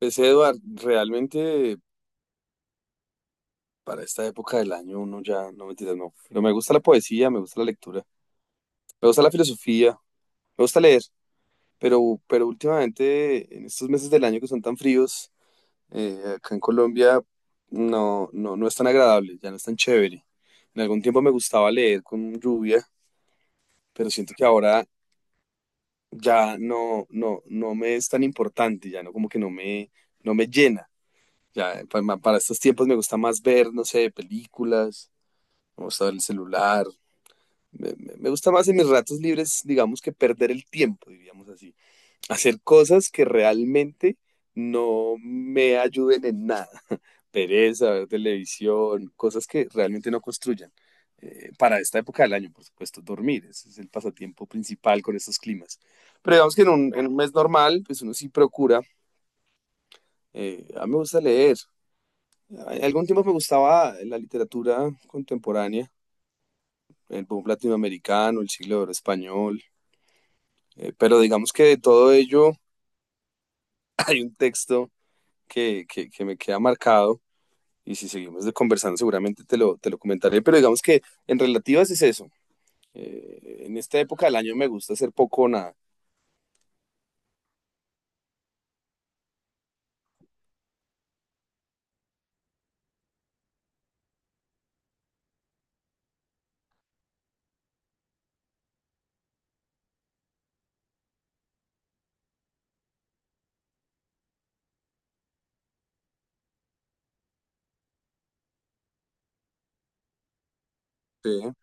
Pues Eduard, realmente para esta época del año uno ya, no mentiras, no. Pero me gusta la poesía, me gusta la lectura, me gusta la filosofía, me gusta leer, pero últimamente en estos meses del año que son tan fríos, acá en Colombia no, no, no es tan agradable, ya no es tan chévere. En algún tiempo me gustaba leer con lluvia, pero siento que ahora ya no, no, no me es tan importante, ya no como que no me, no me llena. Ya, para estos tiempos me gusta más ver, no sé, películas, me gusta ver el celular. Me gusta más en mis ratos libres, digamos, que perder el tiempo, diríamos así. Hacer cosas que realmente no me ayuden en nada. Pereza, ver televisión, cosas que realmente no construyan. Para esta época del año, por supuesto, dormir. Ese es el pasatiempo principal con estos climas. Pero digamos que en en un mes normal, pues uno sí procura. A mí me gusta leer. En algún tiempo me gustaba la literatura contemporánea, el boom latinoamericano, el siglo de oro español, pero digamos que de todo ello hay un texto que me queda marcado, y si seguimos de conversando seguramente te te lo comentaré, pero digamos que en relativas es eso. En esta época del año me gusta hacer poco o nada. Sí,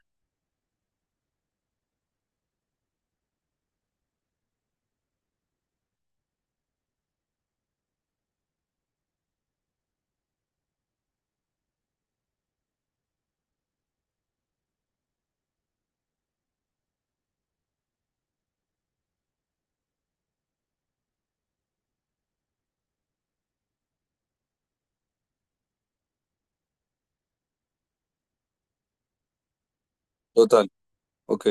total, ok.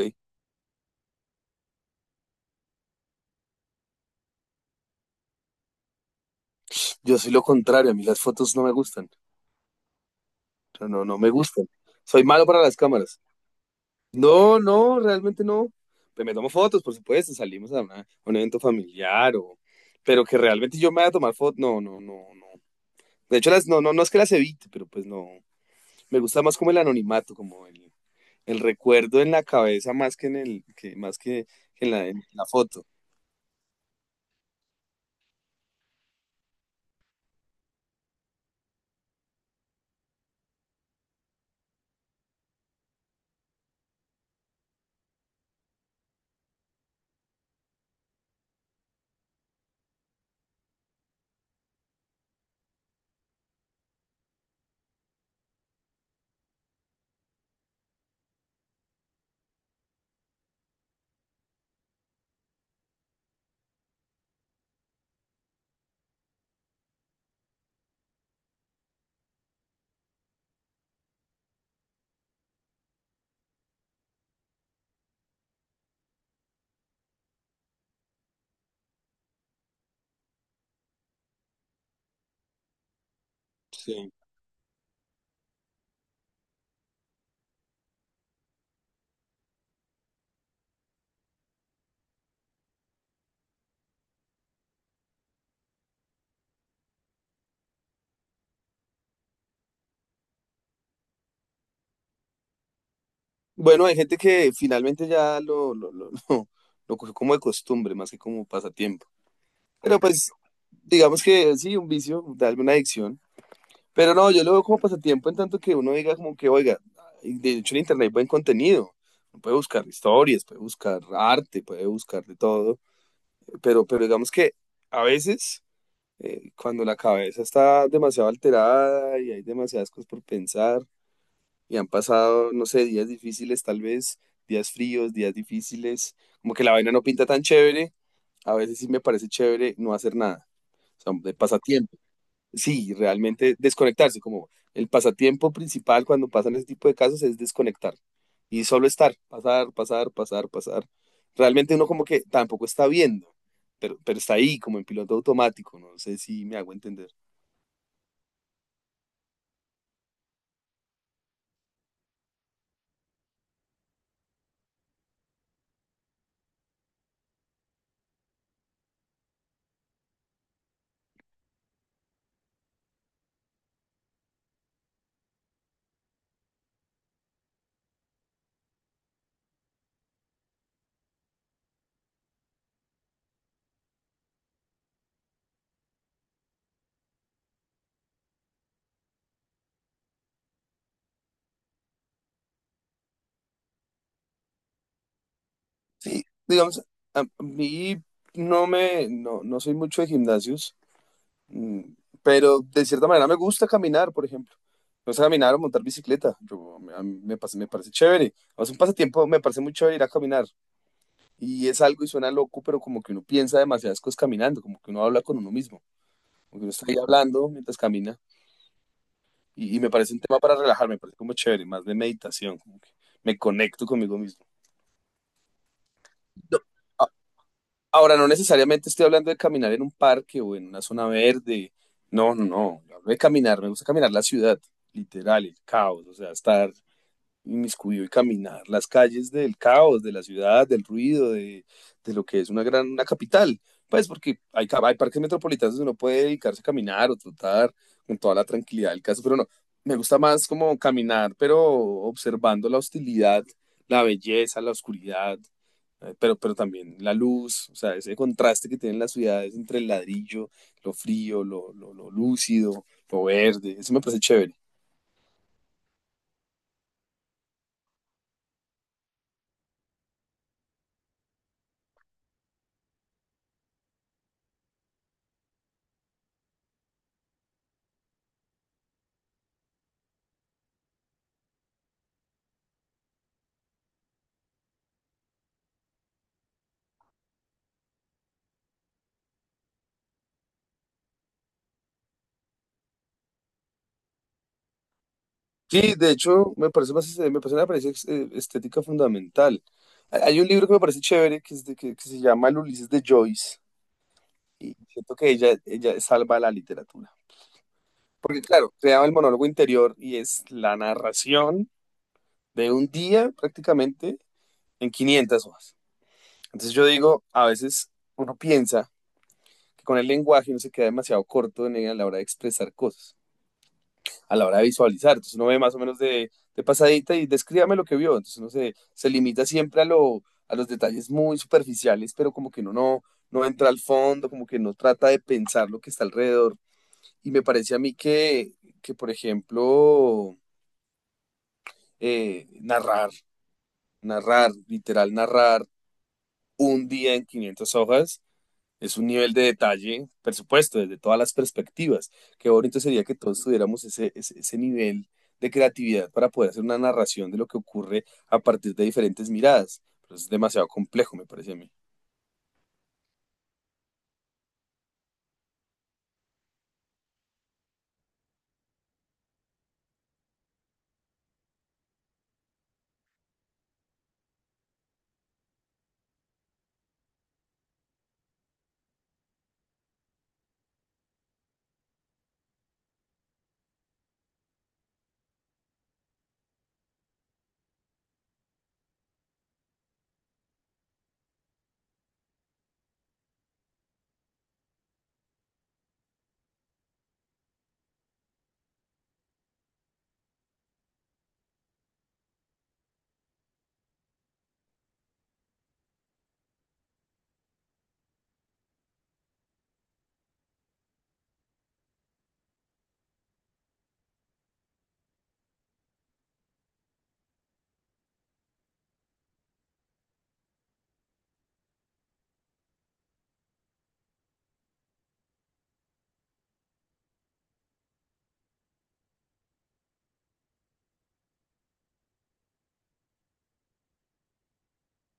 Yo soy lo contrario, a mí las fotos no me gustan, o sea, no, no me gustan. Soy malo para las cámaras. No, no, realmente no. Pues me tomo fotos, por supuesto, salimos a, una- a un evento familiar, o... pero que realmente yo me vaya a tomar fotos, no, no, no, no. De hecho, las, no, no, no es que las evite, pero pues no. Me gusta más como el anonimato, como el recuerdo en la cabeza más que en el, que, más que en en la foto. Sí. Bueno, hay gente que finalmente ya lo cogió como de costumbre, más que como pasatiempo. Pero pues, digamos que sí, un vicio, darme una adicción. Pero no, yo lo veo como pasatiempo en tanto que uno diga como que, oiga, y de hecho en internet hay buen contenido. Uno puede buscar historias, puede buscar arte, puede buscar de todo. Pero digamos que a veces, cuando la cabeza está demasiado alterada y hay demasiadas cosas por pensar y han pasado, no sé, días difíciles tal vez, días fríos, días difíciles, como que la vaina no pinta tan chévere, a veces sí me parece chévere no hacer nada. O sea, de pasatiempo sí, realmente desconectarse, como el pasatiempo principal cuando pasan ese tipo de casos es desconectar y solo estar, pasar, pasar, pasar, pasar. Realmente uno como que tampoco está viendo, pero está ahí como en piloto automático, no sé si me hago entender. Sí, digamos, a mí no me, no, no soy mucho de gimnasios, mm, pero de cierta manera me gusta caminar, por ejemplo. Me gusta caminar o montar bicicleta, yo, a mí me, pas- me parece chévere. O sea, un pasatiempo me parece muy chévere ir a caminar, y es algo y suena loco, pero como que uno piensa demasiadas cosas caminando, como que uno habla con uno mismo, como que uno está ahí hablando mientras camina, y me parece un tema para relajarme, me parece como chévere, más de meditación, como que me conecto conmigo mismo. No, a- ahora, no necesariamente estoy hablando de caminar en un parque o en una zona verde, no, no, no, yo hablo de caminar, me gusta caminar la ciudad, literal, el caos, o sea, estar inmiscuido y caminar las calles del caos, de la ciudad, del ruido, de lo que es una gran una capital. Pues porque hay parques metropolitanos donde uno puede dedicarse a caminar o trotar con toda la tranquilidad del caso, pero no, me gusta más como caminar, pero observando la hostilidad, la belleza, la oscuridad, pero también la luz, o sea, ese contraste que tienen las ciudades entre el ladrillo, lo frío, lo lúcido, lo verde, eso me parece chévere. Sí, de hecho, me parece más, me parece una apariencia ex- estética fundamental. Hay un libro que me parece chévere que, es de- que se llama El Ulises de Joyce y siento que ella salva la literatura. Porque claro, creaba el monólogo interior y es la narración de un día prácticamente en 500 hojas. Entonces yo digo, a veces uno piensa que con el lenguaje uno se queda demasiado corto en, a la hora de expresar cosas. A la hora de visualizar. Entonces uno ve más o menos de pasadita y descríbame lo que vio. Entonces uno se, se limita siempre a, lo, a los detalles muy superficiales, pero como que uno no, no entra al fondo, como que no trata de pensar lo que está alrededor. Y me parece a mí que por ejemplo, eh, narrar, literal, narrar un día en 500 hojas. Es un nivel de detalle, por supuesto, desde todas las perspectivas. Qué bonito sería que todos tuviéramos ese nivel de creatividad para poder hacer una narración de lo que ocurre a partir de diferentes miradas. Pero es demasiado complejo, me parece a mí.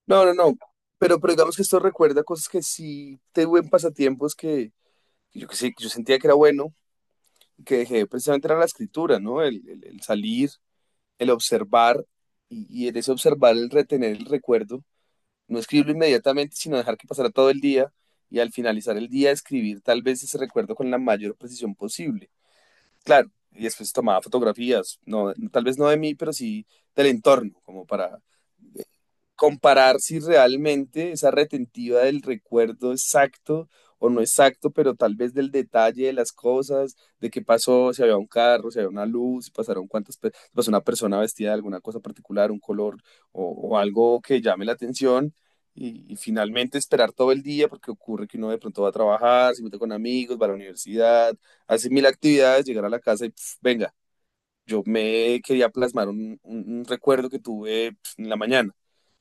No, no, no. Pero digamos que esto recuerda cosas que sí tuve en pasatiempos que yo sentía que era bueno, que dejé precisamente era la escritura, ¿no? El salir, el observar y en ese observar, el retener el recuerdo. No escribirlo inmediatamente, sino dejar que pasara todo el día y al finalizar el día escribir tal vez ese recuerdo con la mayor precisión posible. Claro, y después tomaba fotografías, no, tal vez no de mí, pero sí del entorno, como para eh, comparar si realmente esa retentiva del recuerdo exacto o no exacto, pero tal vez del detalle de las cosas, de qué pasó, si había un carro, si había una luz, si pasaron cuántas, pe- si pasó una persona vestida de alguna cosa particular, un color o, o algo que llame la atención. Y finalmente esperar todo el día, porque ocurre que uno de pronto va a trabajar, se mete con amigos, va a la universidad, hacer mil actividades, llegar a la casa y pf, venga, yo me quería plasmar un recuerdo que tuve pf, en la mañana,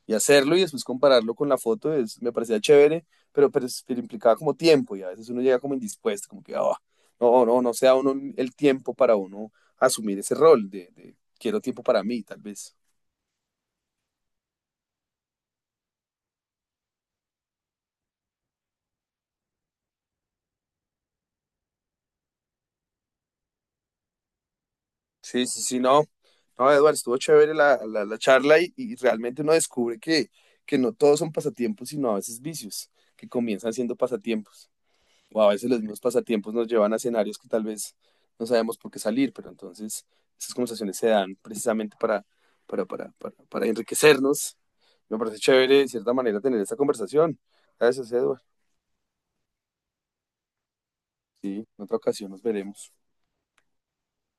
y hacerlo y después compararlo con la foto es, me parecía chévere, pero implicaba como tiempo y a veces uno llega como indispuesto, como que ah, no, no, no sea uno el tiempo para uno asumir ese rol de quiero tiempo para mí, tal vez. Sí, sí, sí, no. No, Eduardo, estuvo chévere la charla y realmente uno descubre que no todos son pasatiempos, sino a veces vicios que comienzan siendo pasatiempos. O a veces los mismos pasatiempos nos llevan a escenarios que tal vez no sabemos por qué salir, pero entonces esas conversaciones se dan precisamente para enriquecernos. Me parece chévere, de cierta manera, tener esta conversación. Gracias, Edward. Sí, en otra ocasión nos veremos.